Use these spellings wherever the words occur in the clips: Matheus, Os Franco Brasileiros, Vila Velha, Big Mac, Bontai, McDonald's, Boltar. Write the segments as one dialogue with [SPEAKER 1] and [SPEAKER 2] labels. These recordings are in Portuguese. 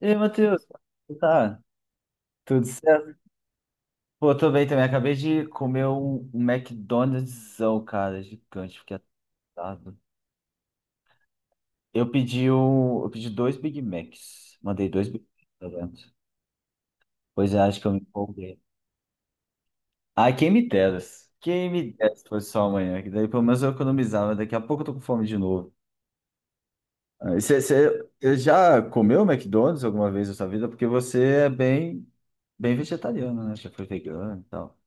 [SPEAKER 1] E aí, Matheus, como tá? Tudo certo? Pô, tô bem também. Acabei de comer um McDonald'são, cara, gigante, fiquei atado. Eu pedi dois Big Macs. Mandei dois Big Macs pra dentro. Pois é, acho que eu me empolguei. Ah, quem me dera. Quem me dera se fosse só amanhã, que daí pelo menos eu economizava. Daqui a pouco eu tô com fome de novo. Ah, e você já comeu McDonald's alguma vez na sua vida? Porque você é bem vegetariano, né? Já foi vegano e tal.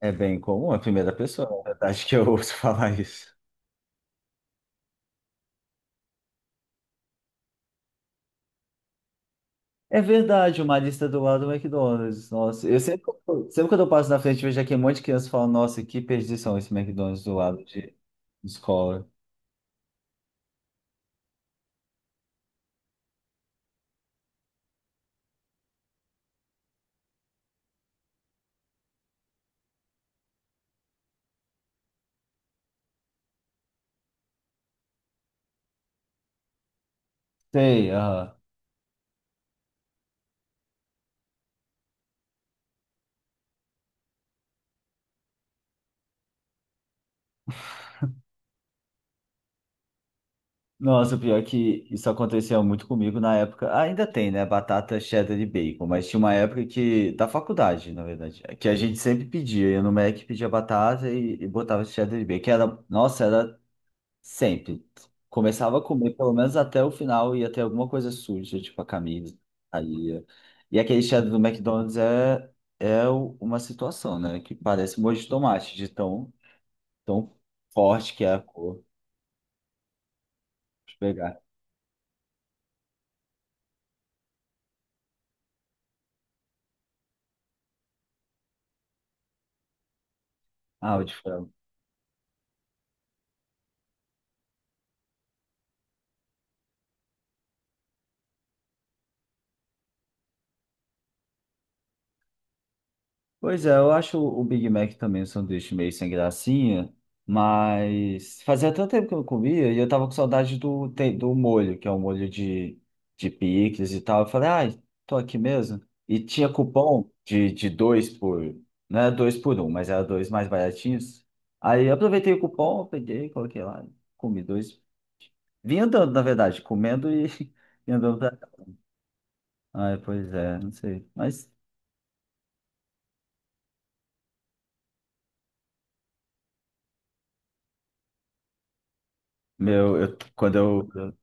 [SPEAKER 1] É bem comum, é a primeira pessoa, na verdade, que eu ouço falar isso. É verdade, uma lista do lado do McDonald's. Nossa, eu sempre quando eu passo na frente, vejo aqui um monte de criança falando, nossa, que perdição esse McDonald's do lado de escola. Sei, aham. Nossa, pior que isso acontecia muito comigo na época. Ainda tem, né? Batata, cheddar e bacon, mas tinha uma época que, da faculdade, na verdade, que a gente sempre pedia. Eu no Mac pedia batata e botava cheddar e bacon. Que Era, nossa, era sempre. Começava a comer, pelo menos até o final, ia ter alguma coisa suja, tipo a camisa. Aí, e aquele cheddar do McDonald's é uma situação, né? Que parece molho de tomate, de tão, tão forte que é a cor. Deixa eu pegar. Ah, o de frango. Pois é, eu acho o Big Mac também um sanduíche meio sem gracinha, mas fazia tanto tempo que eu não comia e eu tava com saudade do molho, que é um molho de picles e tal. Eu falei, ai, tô aqui mesmo. E tinha cupom de dois por, não era dois por um, mas era dois mais baratinhos. Aí eu aproveitei o cupom, peguei, coloquei lá, comi dois. Vim andando, na verdade, comendo e andando pra cá. Ai, pois é, não sei. Mas, meu, eu, quando eu...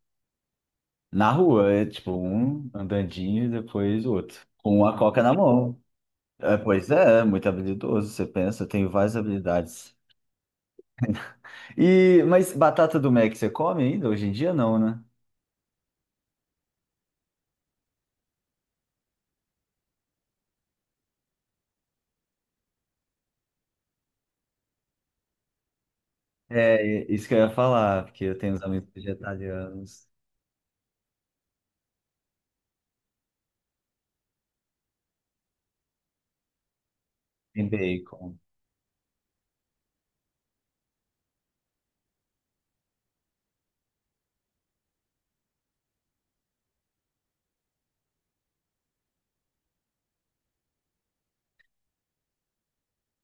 [SPEAKER 1] Na rua, é tipo um andandinho e depois o outro. Com uma coca na mão. É, pois é, é muito habilidoso, você pensa, tem várias habilidades. E, mas batata do Mac você come ainda? Hoje em dia não, né? É, é isso que eu ia falar, porque eu tenho uns amigos vegetarianos em bacon.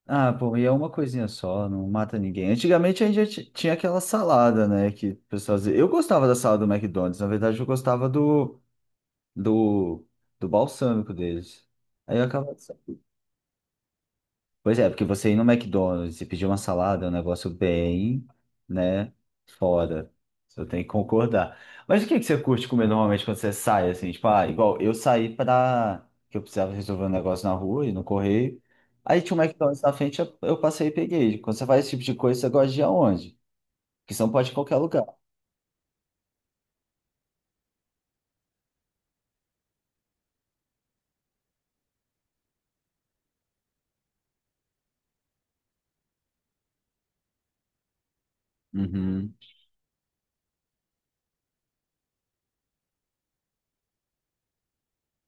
[SPEAKER 1] Ah, pô, e é uma coisinha só, não mata ninguém. Antigamente a gente já tinha aquela salada, né, que o pessoal dizia. Eu gostava da salada do McDonald's, na verdade eu gostava do, do balsâmico deles. Aí eu acabava. Pois é, porque você ir no McDonald's e pedir uma salada é um negócio bem, né, fora. Você tem que concordar. Mas o que é que você curte comer normalmente quando você sai, assim? Tipo, ah, igual eu saí que eu precisava resolver um negócio na rua e no correio. Aí tinha um McDonald's na frente, eu passei e peguei. Quando você faz esse tipo de coisa, você gosta de ir aonde? Porque você não pode ir em qualquer lugar. Uhum.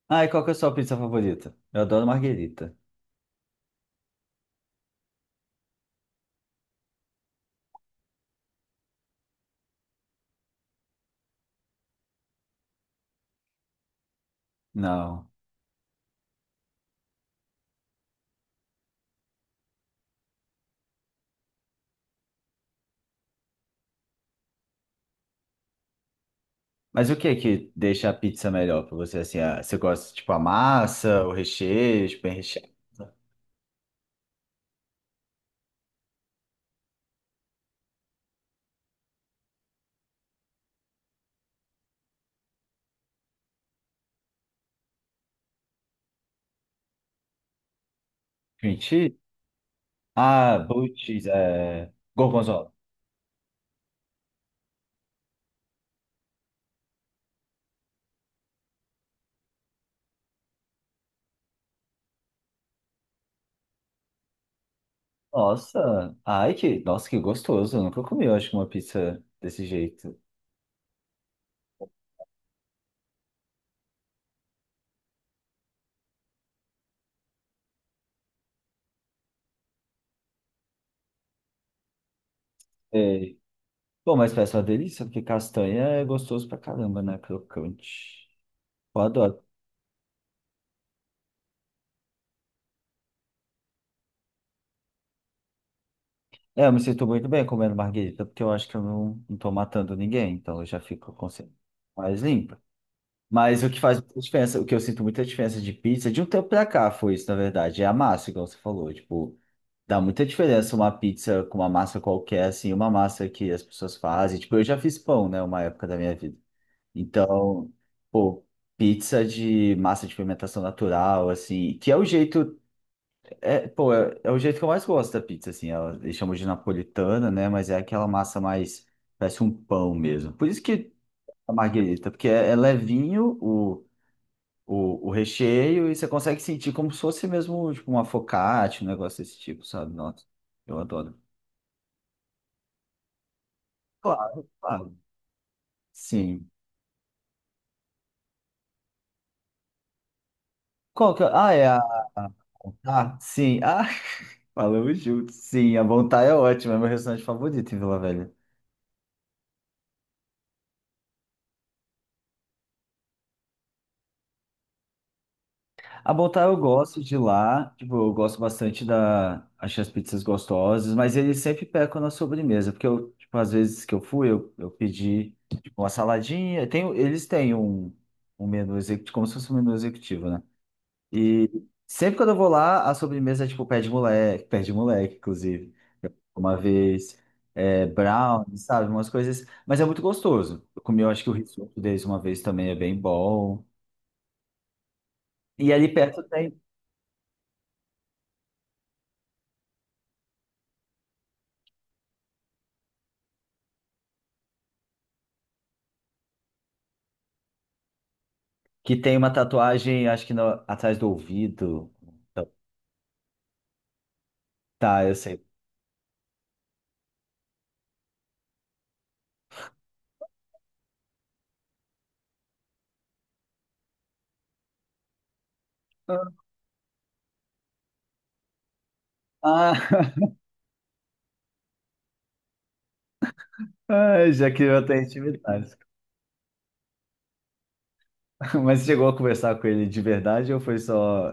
[SPEAKER 1] Ah, e qual que é a sua pizza favorita? Eu adoro marguerita. Não. Mas o que é que deixa a pizza melhor pra você? Assim, ah, você gosta, tipo, a massa, o recheio, tipo, bem recheado? Cream cheese? Ah, blue cheese, Gorgonzola. Nossa, ai que, nossa, que gostoso. Eu nunca comi, eu acho, uma pizza desse jeito. É. Bom, mas parece uma delícia, porque castanha é gostoso pra caramba, né? Crocante. Eu adoro. É, eu me sinto muito bem comendo marguerita, porque eu acho que eu não tô matando ninguém, então eu já fico com consciência mais limpa. Mas o que faz muita diferença, o que eu sinto muita diferença de pizza, de um tempo pra cá foi isso, na verdade, é a massa, igual você falou. Tipo, dá muita diferença uma pizza com uma massa qualquer, assim, uma massa que as pessoas fazem. Tipo, eu já fiz pão, né, uma época da minha vida. Então, pô, pizza de massa de fermentação natural, assim, que é o jeito, é, pô, é o jeito que eu mais gosto da pizza, assim. Ela, eles chamam de napolitana, né, mas é aquela massa mais, parece um pão mesmo. Por isso que a marguerita, porque é levinho, o recheio e você consegue sentir como se fosse mesmo tipo, uma focaccia, um negócio desse tipo, sabe? Nossa, eu adoro. Claro, claro. Sim. Qual que é? Ah, é a. Ah, sim. Ah, falamos juntos. Sim, a Bontai é ótima, é meu restaurante favorito em Vila Velha. A Boltar eu gosto de lá, tipo, eu gosto bastante Achei as pizzas gostosas, mas eles sempre pecam na sobremesa, porque tipo, às vezes que eu fui, eu pedi, tipo, uma saladinha, tem, eles têm um menu executivo, como se fosse um menu executivo, né? E sempre quando eu vou lá, a sobremesa é, tipo, pé de moleque, inclusive, uma vez, é, brownie, sabe, umas coisas, mas é muito gostoso. Eu comi, eu acho que o risoto deles uma vez também é bem bom. E ali perto tem. Que tem uma tatuagem, acho que atrás do ouvido. Então, tá, eu sei. Ah, ah, já criou até intimidade. Mas você chegou a conversar com ele de verdade ou foi só,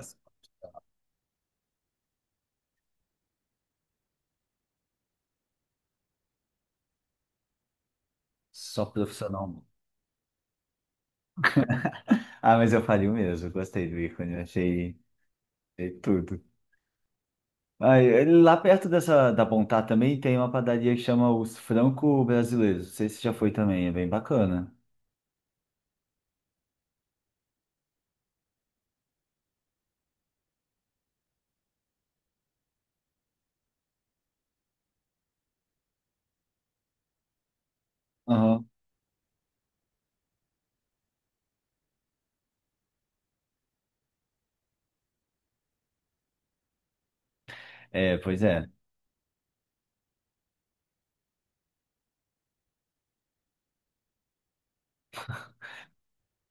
[SPEAKER 1] só profissional? Ah, mas eu faria o mesmo. Gostei do ícone, achei tudo. Ah, e lá perto dessa da Bontá também tem uma padaria que chama Os Franco Brasileiros. Não sei se já foi também, é bem bacana. Aham. É, pois é.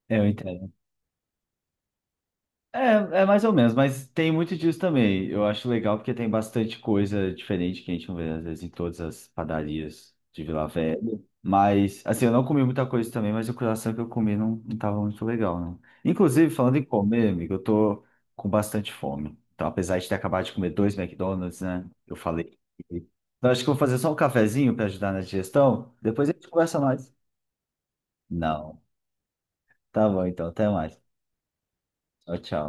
[SPEAKER 1] É, eu entendo. É, é mais ou menos, mas tem muito disso também. Eu acho legal porque tem bastante coisa diferente que a gente não vê, às vezes, em todas as padarias de Vila Velha. Mas, assim, eu não comi muita coisa também, mas o coração que eu comi não tava muito legal, né? Inclusive, falando em comer, amigo, eu tô com bastante fome. Então, apesar de ter acabado de comer dois McDonald's, né? Eu falei. que- Então, acho que eu vou fazer só um cafezinho para ajudar na digestão. Depois a gente conversa mais. Não. Tá bom, então. Até mais. Tchau, tchau.